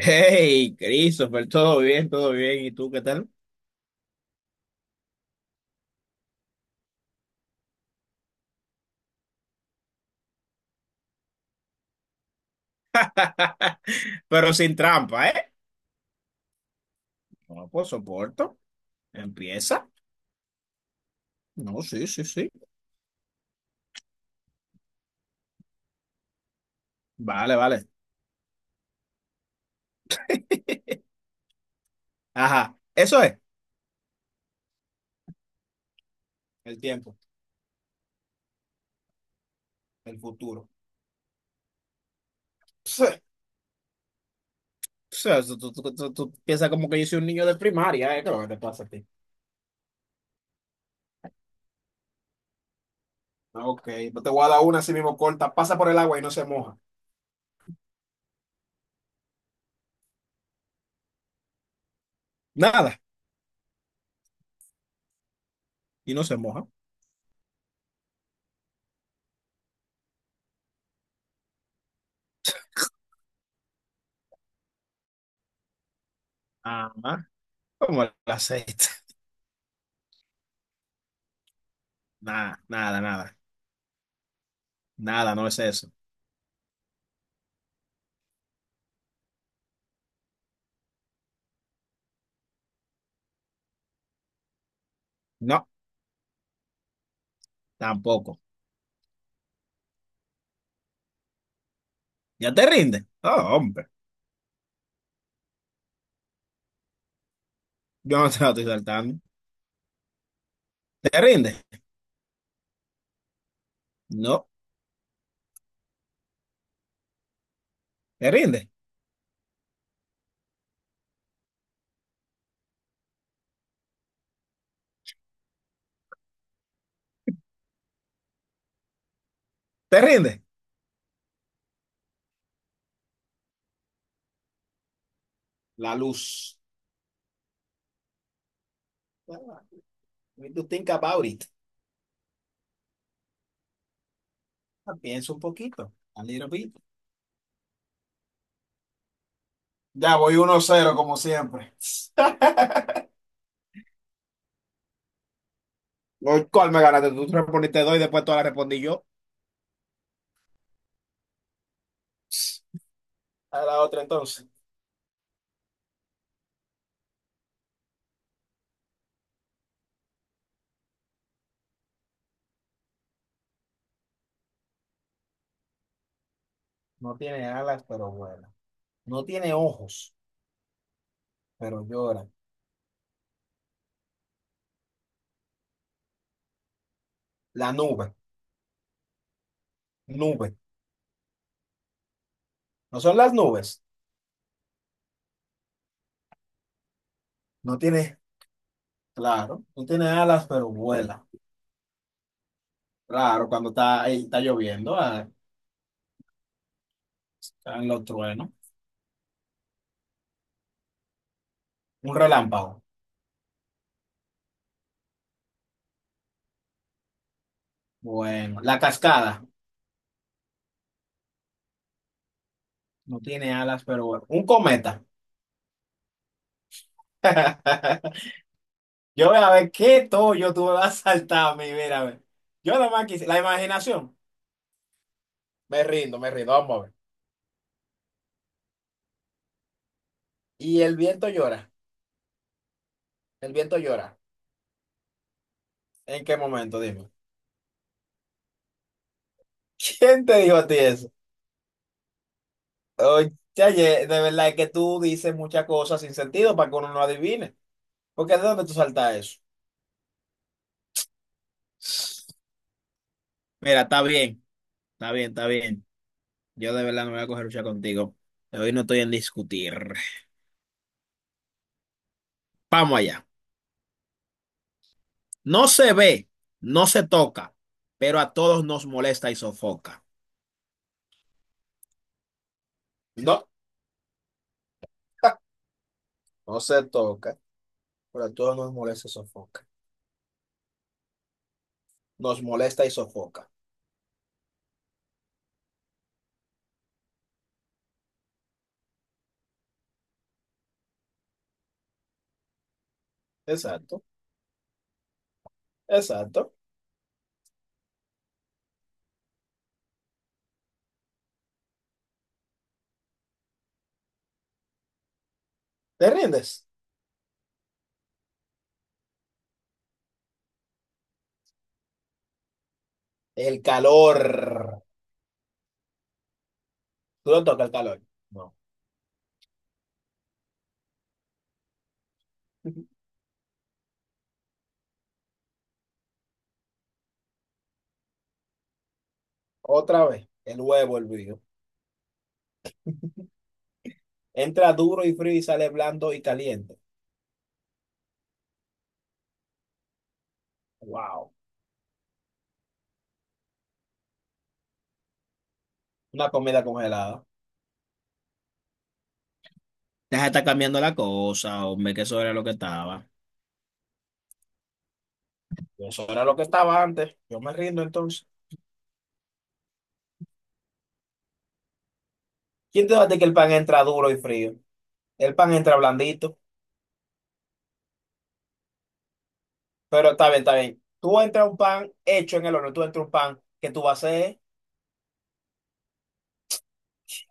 Hey, Christopher, todo bien, todo bien. ¿Y tú qué tal? Pero sin trampa, ¿eh? No, pues soporto. Empieza. No, sí, sí, sí. Vale, vale. Ajá, eso es. El tiempo, el futuro. Pse, pse, tú piensas como que yo soy un niño de primaria, ¿eh? ¿Qué es lo que te pasa a ti? Ah, ok, pues te voy a dar una así mismo corta. Pasa por el agua y no se moja. Nada, y no se moja. Ajá, como el aceite. Nada, nada, nada. Nada, no es eso. No, tampoco. ¿Ya te rindes? Oh, hombre, yo no te la estoy saltando. ¿Te rindes? No, ¿te rindes? ¿Te rindes? La luz. What do you think about it? Ah, piensa un poquito. A little bit. Ya voy uno cero como siempre. Voy, ¿cuál me ganaste? Tú respondiste dos y después todas las respondí yo. A la otra entonces. No tiene alas, pero vuela. No tiene ojos, pero llora. La nube, nube. ¿No son las nubes? No tiene, claro, no tiene alas, pero vuela. Claro, cuando está, está lloviendo, ah, están los truenos. Un relámpago. Bueno, la cascada. No tiene alas, pero bueno. Un cometa. Yo voy a ver qué yo tú me vas a saltar a mí, mira, a ver. Yo nada más quise. La imaginación. Me rindo, me rindo. Vamos a ver. Y el viento llora. El viento llora. ¿En qué momento? Dime. ¿Quién te dijo a ti eso? Oye, de verdad es que tú dices muchas cosas sin sentido para que uno no adivine. Porque ¿de dónde tú saltas eso? Mira, está bien. Está bien, está bien. Yo de verdad no me voy a coger lucha contigo. Hoy no estoy en discutir. Vamos allá. No se ve, no se toca, pero a todos nos molesta y sofoca. No, no se toca, pero a todos nos molesta y sofoca. Nos molesta y sofoca. Exacto, exacto. ¿Te rindes? El calor. ¿Tú no tocas el calor? No. Otra vez, el huevo hervido. Entra duro y frío y sale blando y caliente. Wow. Una comida congelada. Deja de estar cambiando la cosa, hombre, que eso era lo que estaba. Eso era lo que estaba antes. Yo me rindo entonces. ¿Quién te dice que el pan entra duro y frío? El pan entra blandito. Pero está bien, está bien. Tú entras un pan hecho en el horno, tú entras un pan que tú vas a hacer.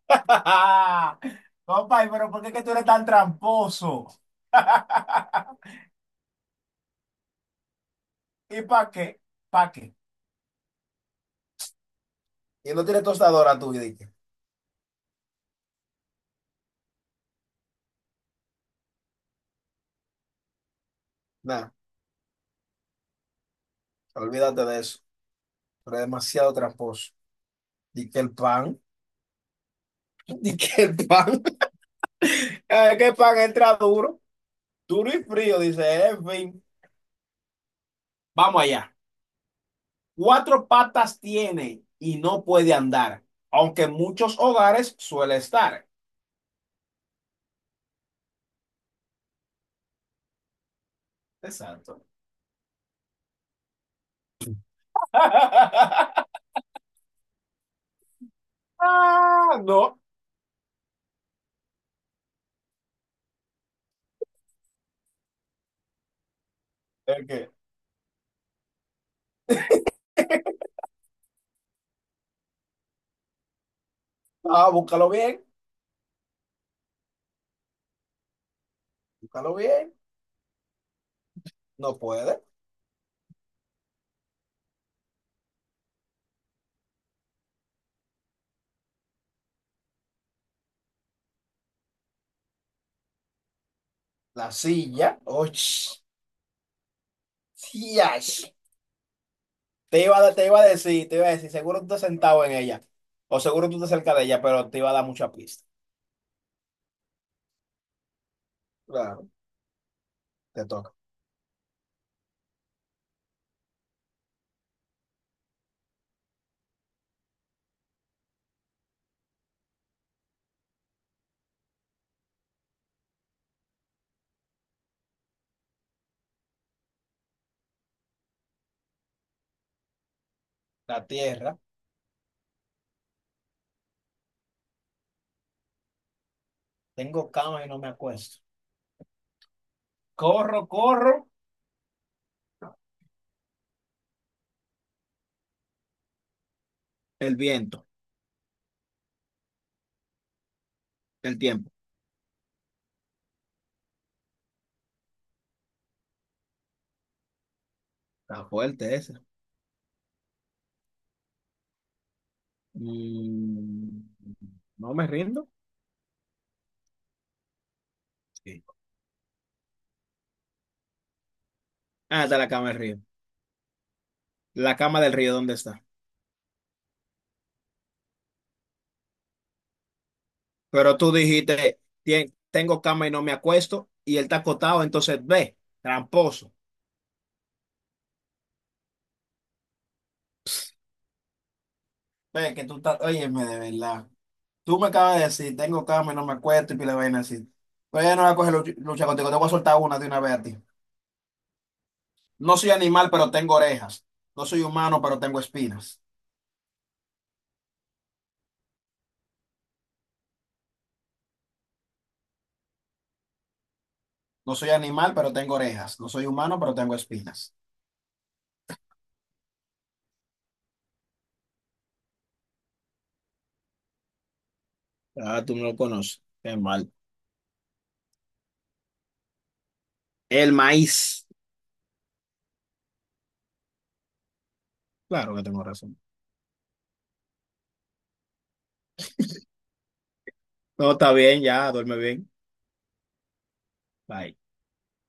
Compa, pero ¿por qué es que tú eres tan tramposo? ¿Y para qué? ¿Para qué? Y no tienes tostadora tú, y dije, nada, olvídate de eso. Pero es demasiado tramposo. Di que el pan, di que el pan, que el pan entra duro. Duro y frío, dice, en fin. Vamos allá. Cuatro patas tiene y no puede andar, aunque en muchos hogares suele estar. Exacto. Ah, no. ¿El qué? Ah, búscalo bien, búscalo bien. No puede. La silla. Oh, te iba, te iba a decir, te iba a decir, seguro tú estás sentado en ella. O seguro tú estás cerca de ella, pero te iba a dar mucha pista. Claro, te toca. La tierra. Tengo cama y no me acuesto. Corro, corro. El viento, el tiempo. Está fuerte ese. Mm, no me rindo. Sí. Ah, está la cama del río. La cama del río, ¿dónde está? Pero tú dijiste, "Tien- tengo cama y no me acuesto", y él está acotado, entonces ve, tramposo. Ve que tú estás, óyeme, de verdad. Tú me acabas de decir, tengo cama y no me acuesto y pila de vaina así. Pero ya no voy a coger lucha contigo, te voy a soltar una de una vez a ti. No soy animal, pero tengo orejas. No soy humano, pero tengo espinas. No soy animal, pero tengo orejas. No soy humano, pero tengo espinas. Ah, tú no lo conoces. Qué mal. El maíz. Claro que tengo razón. No, está bien, ya, duerme bien. Bye.